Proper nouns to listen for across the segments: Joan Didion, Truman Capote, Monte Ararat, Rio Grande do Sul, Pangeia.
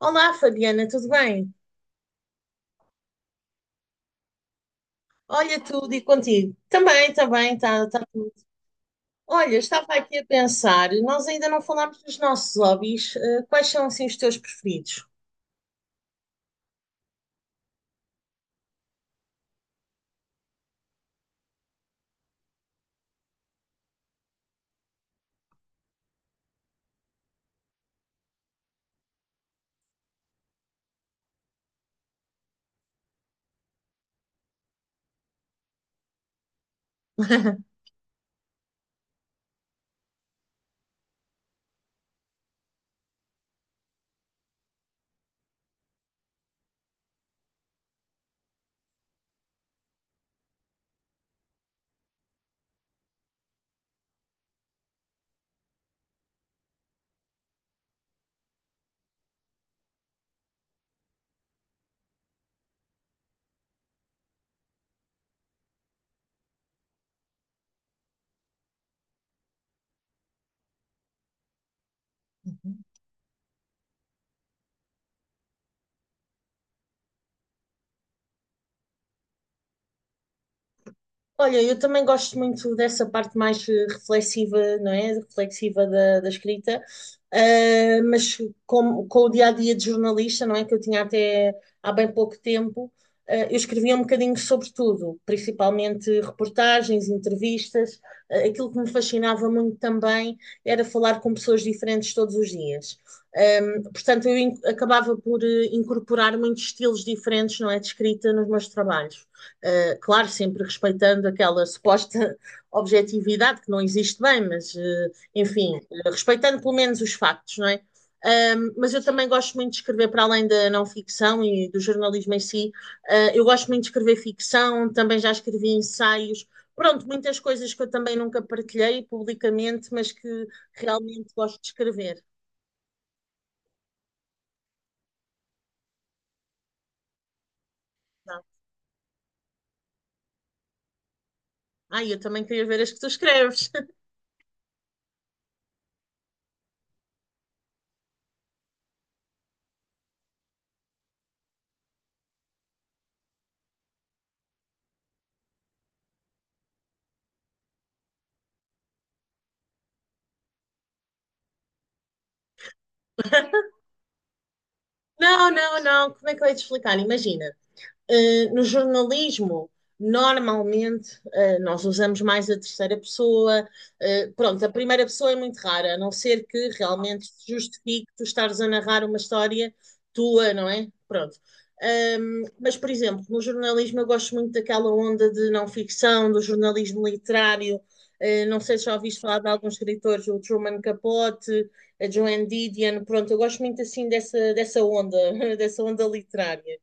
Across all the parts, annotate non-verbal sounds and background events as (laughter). Olá, Fabiana, tudo bem? Olha, tudo e contigo? Também, está tudo. Olha, estava aqui a pensar, nós ainda não falámos dos nossos hobbies. Quais são, assim, os teus preferidos? (laughs) Olha, eu também gosto muito dessa parte mais reflexiva, não é? Reflexiva da escrita. Mas com o dia a dia de jornalista, não é? Que eu tinha até há bem pouco tempo, eu escrevia um bocadinho sobre tudo, principalmente reportagens, entrevistas. Ah, aquilo que me fascinava muito também era falar com pessoas diferentes todos os dias. Ah, portanto, acabava por incorporar muitos estilos diferentes, não é? De escrita nos meus trabalhos. Claro, sempre respeitando aquela suposta (laughs) objetividade que não existe bem, mas enfim, respeitando pelo menos os factos, não é? Mas eu também gosto muito de escrever para além da não ficção e do jornalismo em si. Eu gosto muito de escrever ficção, também já escrevi ensaios, pronto, muitas coisas que eu também nunca partilhei publicamente, mas que realmente gosto de escrever. Ai, eu também queria ver as que tu escreves. (laughs) Não, não, não. Como é que eu ia te explicar? Imagina, no jornalismo, normalmente, nós usamos mais a terceira pessoa. Pronto, a primeira pessoa é muito rara, a não ser que realmente se justifique tu estares a narrar uma história tua, não é? Pronto. Mas, por exemplo, no jornalismo eu gosto muito daquela onda de não ficção, do jornalismo literário. Não sei se já ouviste falar de alguns escritores, o Truman Capote, a Joan Didion. Pronto, eu gosto muito assim dessa onda, (laughs) dessa onda literária.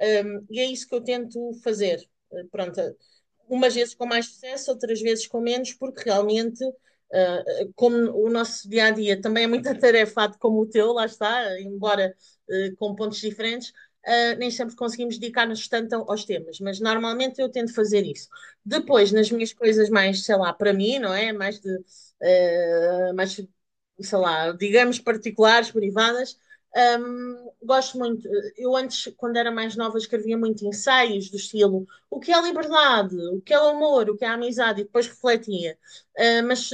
E é isso que eu tento fazer. Pronto, umas vezes com mais sucesso, outras vezes com menos, porque realmente, como o nosso dia a dia também é muito (laughs) atarefado como o teu, lá está, embora com pontos diferentes, nem sempre conseguimos dedicar-nos tanto aos temas, mas normalmente eu tento fazer isso. Depois, nas minhas coisas mais, sei lá, para mim, não é? Mais de, mais, sei lá, digamos, particulares, privadas, gosto muito. Eu antes, quando era mais nova, escrevia muito ensaios do estilo o que é liberdade, o que é o amor, o que é a amizade, e depois refletia. Uh, mas,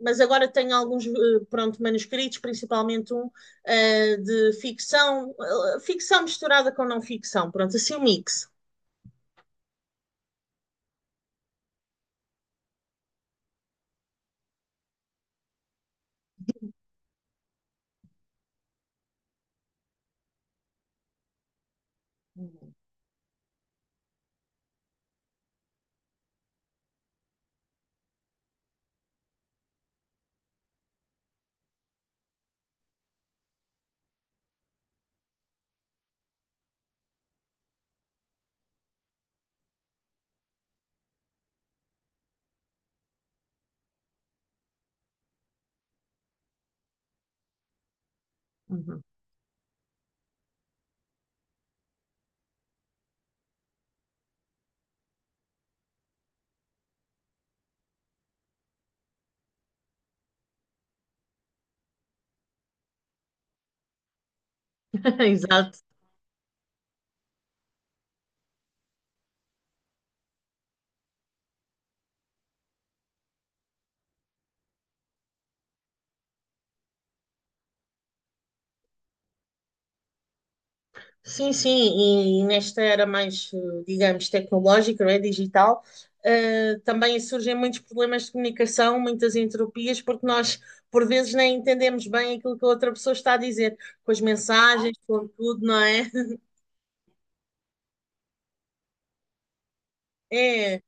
mas agora tenho alguns pronto, manuscritos, principalmente um de ficção, ficção misturada com não ficção, pronto, assim um mix. Uhum. (laughs) Exato. Sim, sim, e nesta era mais, digamos, tecnológica, não é? Digital, também surgem muitos problemas de comunicação, muitas entropias, porque nós, por vezes, nem entendemos bem aquilo que a outra pessoa está a dizer, com as mensagens, com tudo, não é? (laughs) É,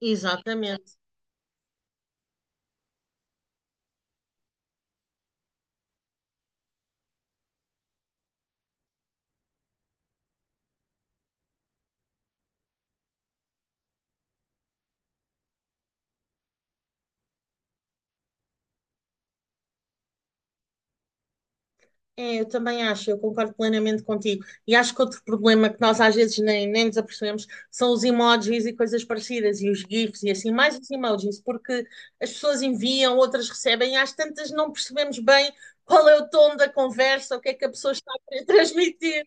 exatamente. É, eu também acho, eu concordo plenamente contigo. E acho que outro problema que nós às vezes nem nos apercebemos são os emojis e coisas parecidas, e os GIFs e assim, mais os emojis, porque as pessoas enviam, outras recebem, e às tantas não percebemos bem qual é o tom da conversa, o que é que a pessoa está a querer (laughs) transmitir.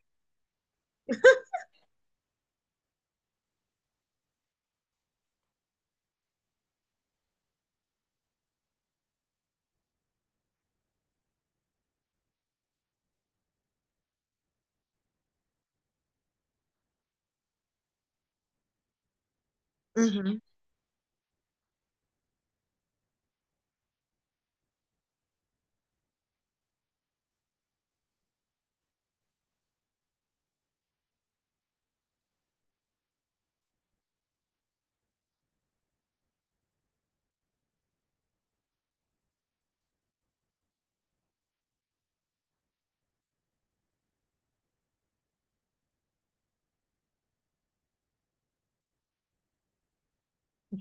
Uhum.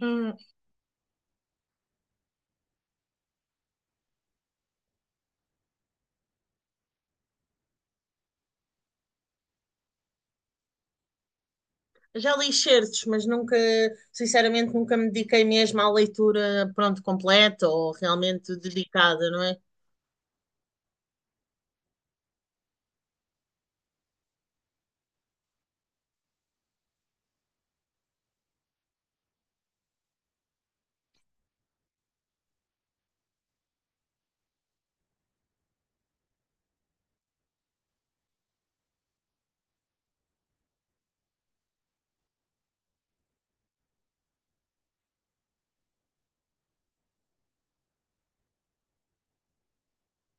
Hum. Já li certos, mas nunca, sinceramente, nunca me dediquei mesmo à leitura, pronto, completa ou realmente dedicada, não é?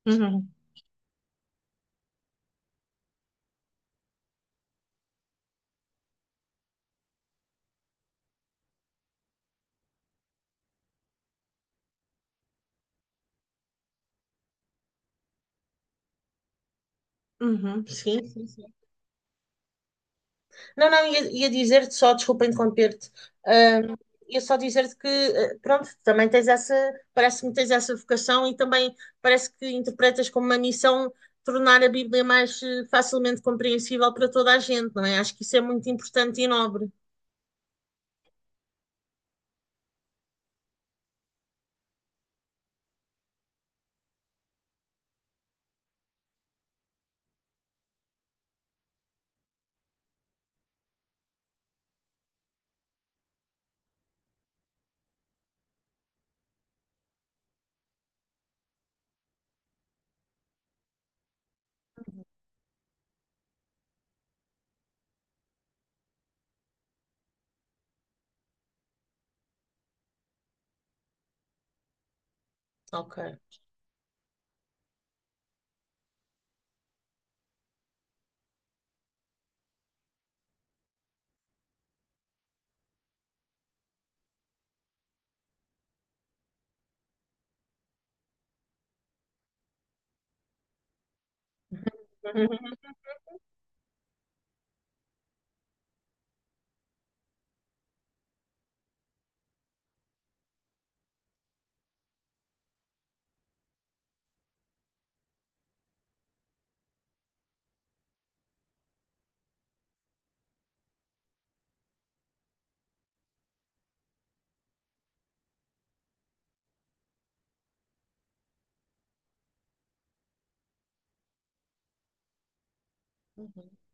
Uhum. Sim, sim, sim. Não, não, ia dizer-te só, desculpa interromper-te, hum, ia só dizer-te que, pronto, também tens essa, parece-me que tens essa vocação e também parece que interpretas como uma missão tornar a Bíblia mais facilmente compreensível para toda a gente, não é? Acho que isso é muito importante e nobre. Ok. (laughs)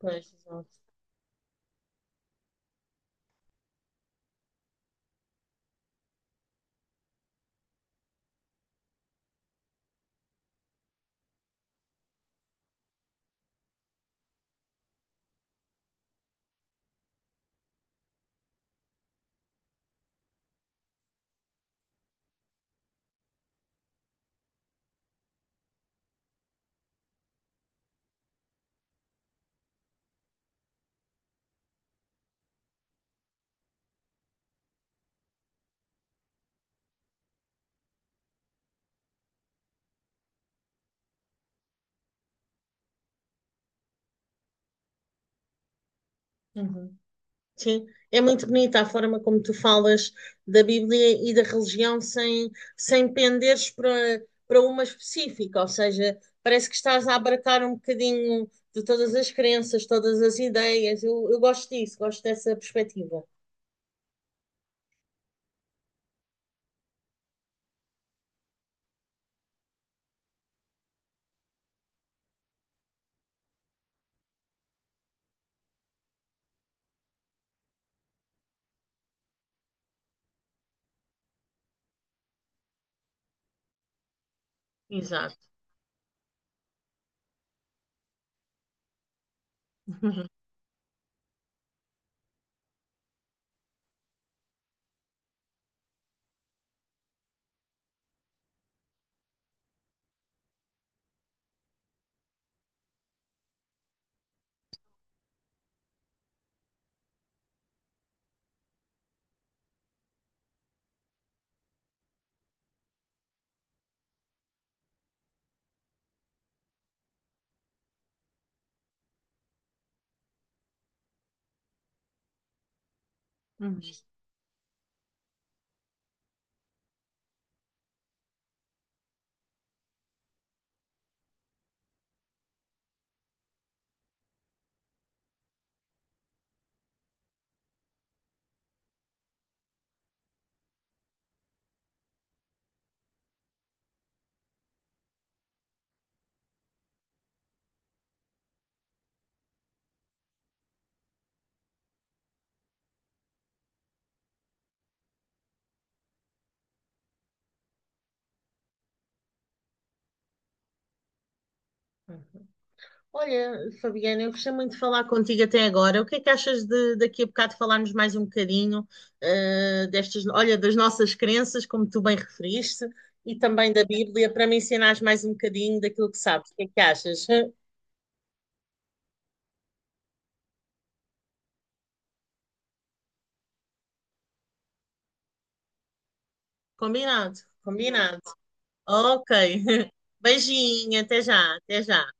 Pois, exato. Uhum. Sim, é muito bonita a forma como tu falas da Bíblia e da religião sem, sem penderes para, para uma específica, ou seja, parece que estás a abarcar um bocadinho de todas as crenças, todas as ideias. Eu gosto disso, gosto dessa perspectiva. Exato. (laughs) Uhum. Olha, Fabiana, eu gostei muito de falar contigo até agora. O que é que achas de daqui a bocado falarmos mais um bocadinho, eh, destas, olha, das nossas crenças, como tu bem referiste, e também da Bíblia, para me ensinares mais um bocadinho daquilo que sabes. O que é que achas? (laughs) Combinado, combinado. Ok. (laughs) Beijinho, até já, até já.